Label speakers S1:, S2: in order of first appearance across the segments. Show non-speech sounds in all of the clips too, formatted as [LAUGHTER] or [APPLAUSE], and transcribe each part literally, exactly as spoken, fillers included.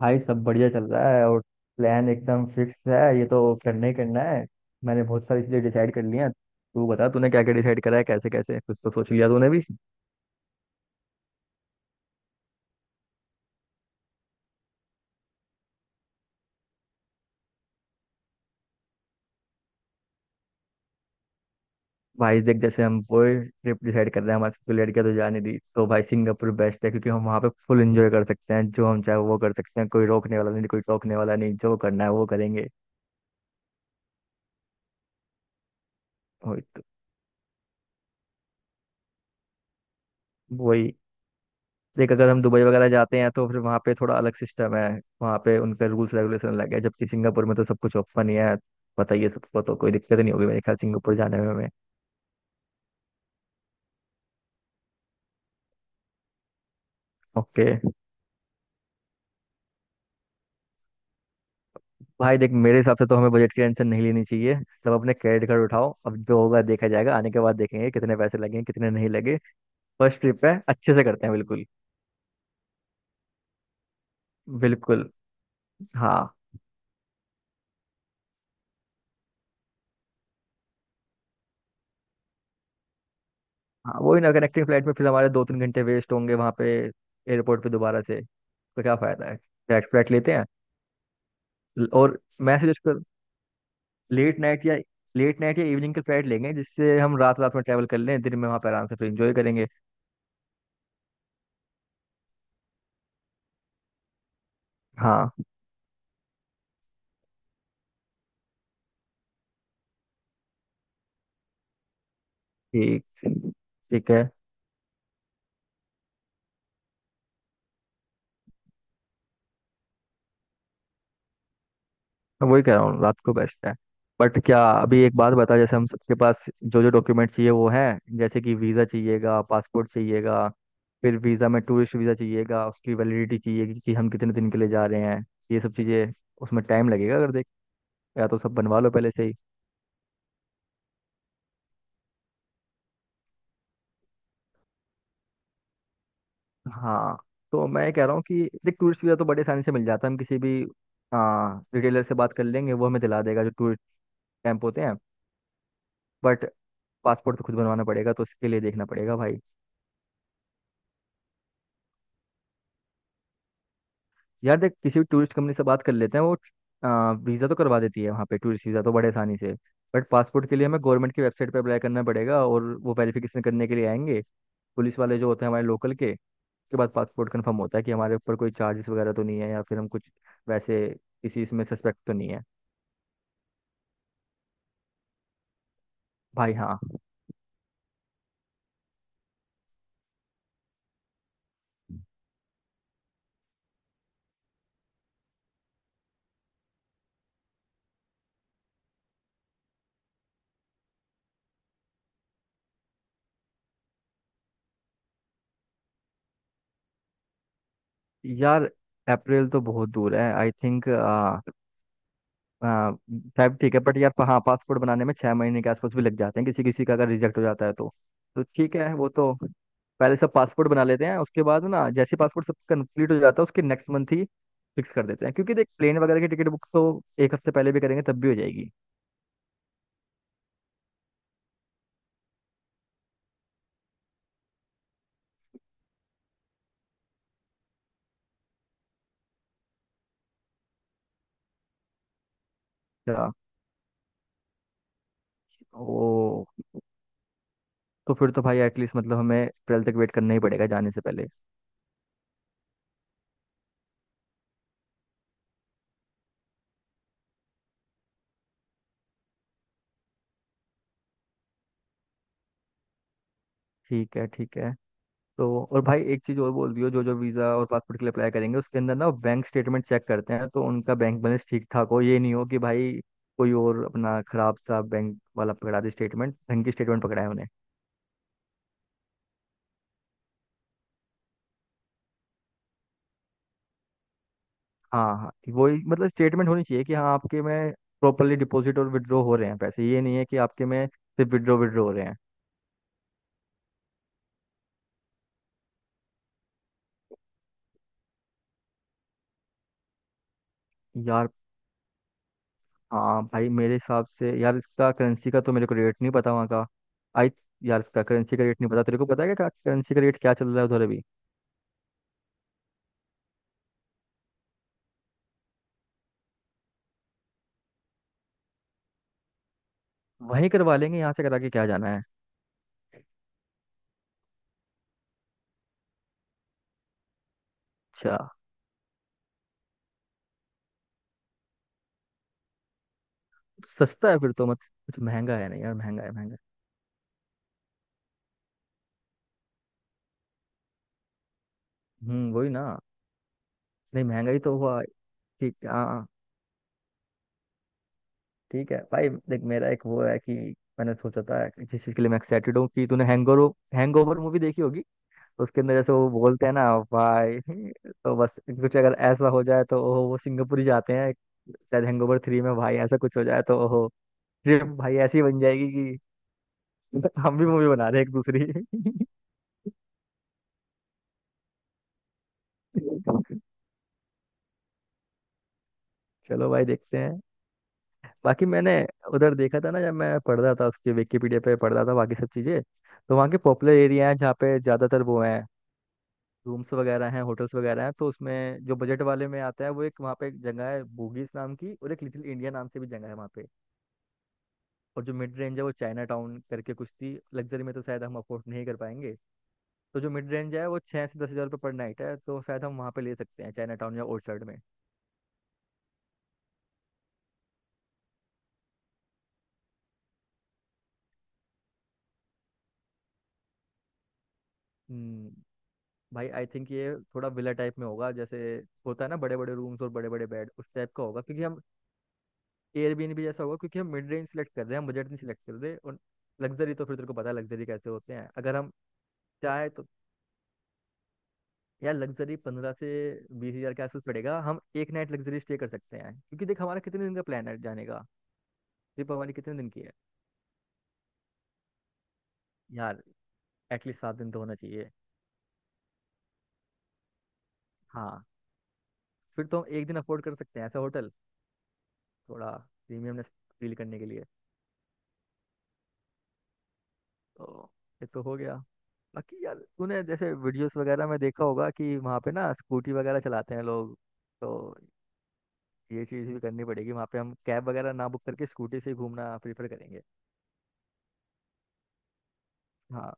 S1: भाई, सब बढ़िया चल रहा है। और प्लान एकदम फिक्स है, ये तो करना ही करना है। मैंने बहुत सारी चीज़ें डिसाइड कर ली हैं, तू बता तूने क्या क्या डिसाइड करा है, कैसे कैसे, कुछ तो सोच लिया तूने भी। भाई देख, जैसे हम कोई ट्रिप डिसाइड कर रहे हैं, हमारे साथ कोई लड़कियां तो जाने दी, तो भाई सिंगापुर बेस्ट है क्योंकि हम वहाँ पे फुल एंजॉय कर सकते हैं। जो हम चाहे वो कर सकते हैं, कोई रोकने वाला नहीं, कोई टोकने वाला नहीं, जो करना है वो करेंगे। वही तो- वही देख, अगर हम दुबई वगैरह जाते हैं तो फिर वहाँ पे थोड़ा अलग सिस्टम है। वहाँ पे उनका रूल्स रेगुलेशन अलग है, जबकि सिंगापुर में तो सब कुछ ओपन ही है। पता ही है सबको, तो कोई दिक्कत नहीं होगी मेरे ख्याल, सिंगापुर जाने में हमें। ओके। भाई देख, मेरे हिसाब से तो हमें बजट की टेंशन नहीं लेनी चाहिए, सब अपने क्रेडिट कार्ड उठाओ, अब जो होगा देखा जाएगा, आने के बाद देखेंगे कितने पैसे लगे कितने नहीं लगे। फर्स्ट ट्रिप है, अच्छे से करते हैं बिल्कुल। बिल्कुल। हाँ। हाँ वही ना, कनेक्टिंग फ्लाइट में फिर हमारे दो तीन घंटे वेस्ट होंगे वहाँ पे एयरपोर्ट पे दोबारा से। तो क्या फायदा है, फ्लैट फ्लैट लेते हैं। और मैं सजेस्ट कर लेट नाइट या लेट नाइट या इवनिंग के फ्लाइट लेंगे जिससे हम रात रात में ट्रैवल कर लें, दिन में वहाँ पर आराम से फिर इंजॉय करेंगे। हाँ ठीक ठीक है। मैं वही कह रहा हूँ, रात को बेस्ट है। बट क्या अभी एक बात बता, जैसे हम सबके पास जो जो डॉक्यूमेंट चाहिए वो है? जैसे कि वीज़ा चाहिएगा, पासपोर्ट चाहिएगा, फिर वीज़ा में टूरिस्ट वीज़ा चाहिएगा, उसकी वैलिडिटी चाहिएगी कि हम कितने दिन के लिए जा रहे हैं, ये सब चीज़ें। उसमें टाइम लगेगा अगर। देख, या तो सब बनवा लो पहले से ही। हाँ, तो मैं कह रहा हूँ कि देख टूरिस्ट वीज़ा तो बड़े आसानी से मिल जाता है। हम किसी भी आ, रिटेलर से बात कर लेंगे, वो हमें दिला देगा जो टूरिस्ट कैंप होते हैं। बट पासपोर्ट तो खुद बनवाना पड़ेगा, तो उसके लिए देखना पड़ेगा भाई। यार देख, किसी भी टूरिस्ट कंपनी से बात कर लेते हैं, वो आ, वीज़ा तो करवा देती है वहाँ पे, टूरिस्ट वीज़ा तो बड़े आसानी से। बट पासपोर्ट के लिए हमें गवर्नमेंट की वेबसाइट पर अप्लाई करना पड़ेगा, और वो वेरिफिकेशन करने के लिए आएंगे, पुलिस वाले जो होते हैं हमारे लोकल के। उसके बाद पासपोर्ट कंफर्म होता है कि हमारे ऊपर कोई चार्जेस वगैरह तो नहीं है, या फिर हम कुछ वैसे किसी इसमें सस्पेक्ट तो नहीं है। भाई हाँ। यार, अप्रैल तो बहुत दूर है आई थिंक। शायद ठीक है। बट यार पा- हाँ, पासपोर्ट बनाने में छः महीने के आसपास भी लग जाते हैं किसी किसी का, अगर रिजेक्ट हो जाता है तो। तो ठीक है वो तो, पहले सब पासपोर्ट बना लेते हैं। उसके बाद ना, जैसे पासपोर्ट सब कंप्लीट हो जाता है उसके नेक्स्ट मंथ ही फिक्स कर देते हैं, क्योंकि देख प्लेन वगैरह की टिकट बुक तो एक हफ्ते पहले भी करेंगे तब भी हो जाएगी। अच्छा। ओ। तो फिर तो भाई एटलीस्ट मतलब हमें अप्रैल तक वेट करना ही पड़ेगा जाने से पहले। ठीक है, ठीक है। तो और भाई एक चीज़ और बोल दियो, जो जो वीज़ा और पासपोर्ट के लिए अप्लाई करेंगे उसके अंदर ना बैंक स्टेटमेंट चेक करते हैं, तो उनका बैंक बैलेंस ठीक ठाक हो। ये नहीं हो कि भाई कोई और अपना खराब सा बैंक वाला पकड़ा दे स्टेटमेंट, बैंक की स्टेटमेंट पकड़ा है उन्हें। हाँ हाँ, वही मतलब स्टेटमेंट होनी चाहिए कि हाँ आपके में प्रॉपरली डिपॉजिट और विड्रॉ हो रहे हैं पैसे, ये नहीं है कि आपके में सिर्फ विड्रॉ विड्रॉ हो रहे हैं। यार हाँ भाई, मेरे हिसाब से यार इसका करेंसी का तो मेरे को रेट नहीं पता वहाँ का। आई यार, इसका करेंसी का रेट नहीं पता, तेरे को पता है क्या, करेंसी का रेट क्या चल रहा है उधर अभी? वहीं करवा लेंगे, यहाँ से करा के क्या जाना है। अच्छा। सस्ता है फिर तो, मत, कुछ महंगा है नहीं यार, महंगा है, महंगा है। हम्म वही ना। नहीं, महंगा ही तो हुआ। ठीक, हाँ हाँ। ठीक है भाई देख, मेरा एक वो है कि मैंने सोचा था कि जिस चीज़ के लिए मैं एक्साइटेड हूँ कि तूने हैंगओवर हैंगओवर मूवी देखी होगी। उसके अंदर जैसे वो बोलते हैं ना भाई, तो बस कुछ अगर ऐसा हो जाए तो ओहो, वो सिंगापुर ही जाते हैं शायद हैंगओवर थ्री में, भाई ऐसा कुछ हो जाए तो ओहो, ट्रिप भाई ऐसी बन जाएगी कि हम भी मूवी बना रहे हैं एक दूसरी। [LAUGHS] चलो भाई देखते हैं। बाकी मैंने उधर देखा था ना, जब मैं पढ़ रहा था उसके विकिपीडिया पे पढ़ रहा था बाकी सब चीज़ें। तो वहाँ के पॉपुलर एरिया हैं जहाँ पे ज़्यादातर वो हैं, रूम्स वगैरह हैं होटल्स वगैरह हैं। तो उसमें जो बजट वाले में आता है वो एक, वहाँ पे एक जगह है बूगीज नाम की, और एक लिटिल इंडिया नाम से भी जगह है वहाँ पे। और जो मिड रेंज है वो चाइना टाउन करके कुछ थी, लग्जरी में तो शायद हम अफोर्ड नहीं कर पाएंगे। तो जो मिड रेंज है वो छः से दस हज़ार रुपये पर नाइट है, तो शायद हम वहाँ पे ले सकते हैं चाइना टाउन या ओर्चर्ड में। हम्म। भाई आई थिंक ये थोड़ा विला टाइप में होगा, जैसे होता है ना बड़े बड़े रूम्स और बड़े बड़े बेड, उस टाइप का होगा क्योंकि हम एयरबीएनबी जैसा होगा, क्योंकि हम मिड रेंज सिलेक्ट कर रहे हैं, हम बजट नहीं सिलेक्ट कर रहे। और लग्जरी तो फिर तेरे को पता है लग्जरी कैसे होते हैं, अगर हम चाहे तो। यार लग्जरी पंद्रह से बीस हजार के आसपास पड़ेगा, हम एक नाइट लग्जरी स्टे कर सकते हैं, क्योंकि देख हमारा कितने दिन का प्लान है जाने का, ट्रिप हमारी कितने दिन की है? यार एटलीस्ट सात दिन तो होना चाहिए। हाँ। फिर तो हम एक दिन अफोर्ड कर सकते हैं ऐसा होटल, थोड़ा प्रीमियमनेस फील करने के लिए। तो ये तो हो गया। बाकी यार तूने जैसे वीडियोस वगैरह में देखा होगा कि वहाँ पे ना स्कूटी वगैरह चलाते हैं लोग, तो ये चीज़ भी करनी पड़ेगी वहाँ पे। हम कैब वगैरह ना बुक करके स्कूटी से ही घूमना प्रीफर करेंगे। हाँ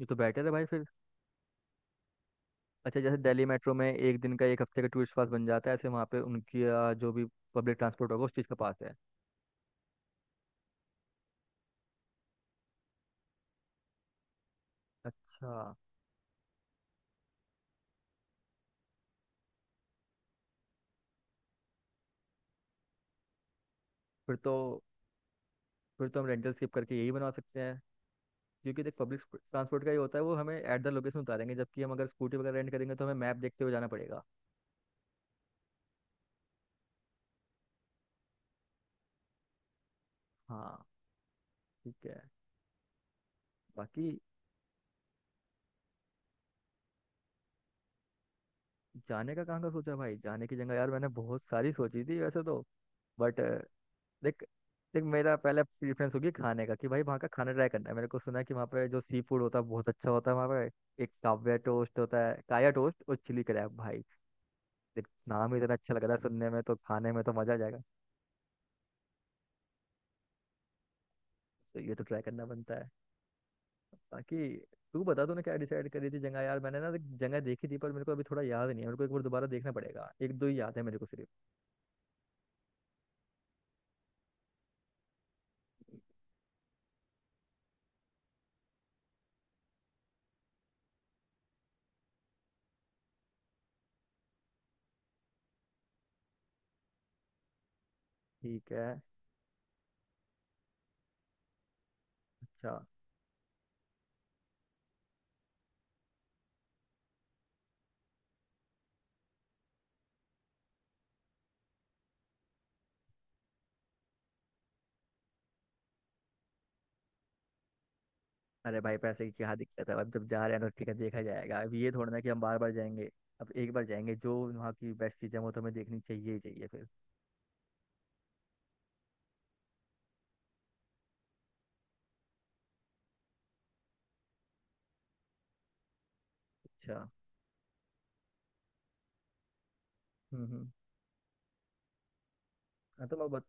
S1: ये तो बेटर है भाई फिर। अच्छा, जैसे दिल्ली मेट्रो में एक दिन का एक हफ्ते का टूरिस्ट पास बन जाता है, ऐसे वहाँ पे उनकी आ, जो भी पब्लिक ट्रांसपोर्ट होगा उस चीज़ का पास है। अच्छा। फिर तो फिर तो हम रेंटल स्किप करके यही बनवा सकते हैं, क्योंकि देख पब्लिक ट्रांसपोर्ट का ही होता है वो, हमें एट द लोकेशन उतारेंगे, जबकि हम अगर स्कूटी वगैरह रेंट करेंगे तो हमें मैप देखते हुए जाना पड़ेगा। हाँ। ठीक है। बाकी जाने का कहाँ का सोचा भाई, जाने की जगह यार मैंने बहुत सारी सोची थी वैसे तो, बट देख। देख मेरा पहले प्रेफरेंस होगी खाने का, कि भाई वहाँ का खाना ट्राई करना है। मेरे को सुना है कि वहाँ पे जो सी फूड होता है बहुत अच्छा होता है। वहाँ पे एक काव्या टोस्ट होता है, काया टोस्ट और चिली क्रैब भाई। देख नाम ही इतना अच्छा लग रहा है सुनने में, तो खाने में तो मजा आ जाएगा। तो ये तो ट्राई करना बनता है। बाकी तू बता, तूने क्या डिसाइड करी थी जगह? यार मैंने ना देख, जगह देखी थी पर मेरे को अभी थोड़ा याद नहीं है, मेरे को एक बार दोबारा देखना पड़ेगा, एक दो ही याद है मेरे को सिर्फ। ठीक है। अच्छा। अरे भाई पैसे की क्या दिक्कत है, अब जब जा रहे हैं तो ठीक है, देखा जाएगा। अब ये थोड़ा ना कि हम बार बार जाएंगे, अब एक बार जाएंगे, जो वहाँ की बेस्ट चीज़ें वो तो हमें देखनी चाहिए ही चाहिए फिर। अच्छा। हम्म हम्म। हाँ। तो मैं बत...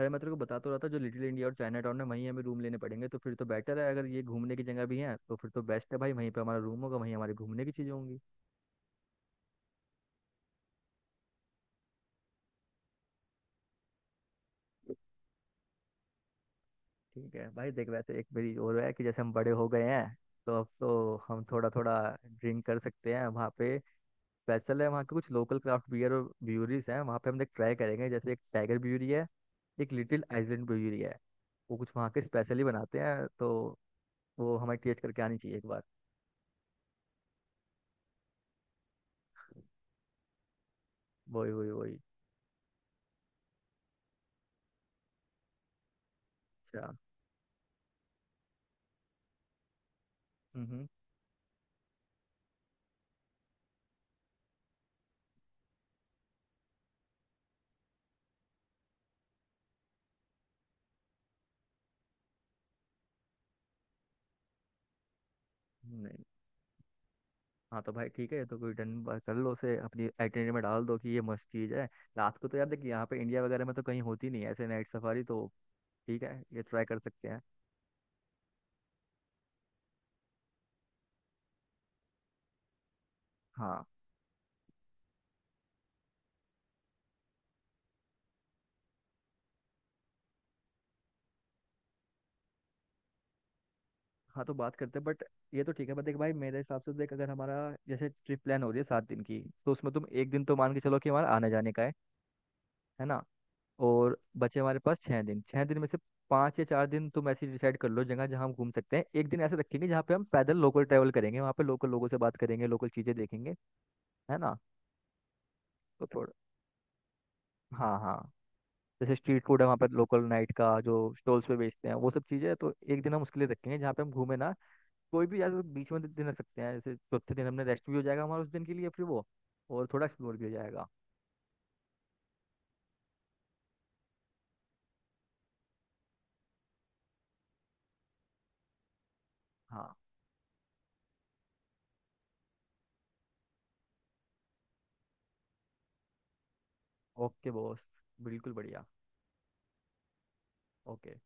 S1: अरे मैं तेरे को बता तो रहा था, जो लिटिल इंडिया और चाइना टाउन है वहीं हमें रूम लेने पड़ेंगे, तो फिर तो बेटर है अगर ये घूमने की जगह भी है। तो फिर तो बेस्ट है भाई, वहीं पे हमारा रूम होगा वहीं हमारी घूमने की चीज़ें होंगी। ठीक है भाई देख, वैसे एक मेरी और है कि जैसे हम बड़े हो गए हैं तो अब तो हम थोड़ा थोड़ा ड्रिंक कर सकते हैं वहाँ पे। स्पेशल है वहाँ के कुछ लोकल क्राफ्ट बियर और ब्यूरीज हैं वहाँ पे, हम एक ट्राई करेंगे, जैसे एक टाइगर ब्यूरी है, एक लिटिल आइलैंड ब्यूरी है। वो कुछ वहाँ के स्पेशली बनाते हैं, तो वो हमें टेस्ट करके आनी चाहिए एक बार। वही वही वही। अच्छा। हम्म। नहीं। हाँ तो भाई ठीक है, ये तो कोई डन, बात कर लो उसे, अपनी आइटिनरी में डाल दो कि ये मस्त चीज़ है। रात को तो यार देखिए, यहाँ पे इंडिया वगैरह में तो कहीं होती नहीं है ऐसे नाइट सफारी तो। ठीक है, ये ट्राई कर सकते हैं। हाँ। हाँ तो बात करते हैं बट, ये तो ठीक है बट देख भाई, मेरे हिसाब से देख अगर हमारा, जैसे ट्रिप प्लान हो रही है सात दिन की, तो उसमें तुम एक दिन तो मान के चलो कि हमारा आने जाने का है। है ना, और बचे हमारे पास छः दिन। छः दिन में से पाँच या चार दिन तुम ऐसे डिसाइड कर लो जगह जहाँ हम घूम सकते हैं। एक दिन ऐसे रखेंगे जहाँ पे हम पैदल लोकल ट्रैवल करेंगे, वहाँ पे लोकल लोगों से बात करेंगे, लोकल चीज़ें देखेंगे। है ना। तो थोड़ा। हाँ हाँ। जैसे स्ट्रीट फूड है वहाँ पर लोकल नाइट का, जो स्टॉल्स पे बेचते हैं वो सब चीज़ें, तो एक दिन हम उसके लिए रखेंगे जहाँ पे हम घूमे ना कोई भी यार, बीच में दे दे ना सकते हैं, जैसे चौथे दिन हमने रेस्ट भी हो जाएगा हमारा उस दिन के लिए फिर वो, और थोड़ा एक्सप्लोर भी हो जाएगा। हाँ। Okay boss. बिल्कुल बढ़िया। ओके।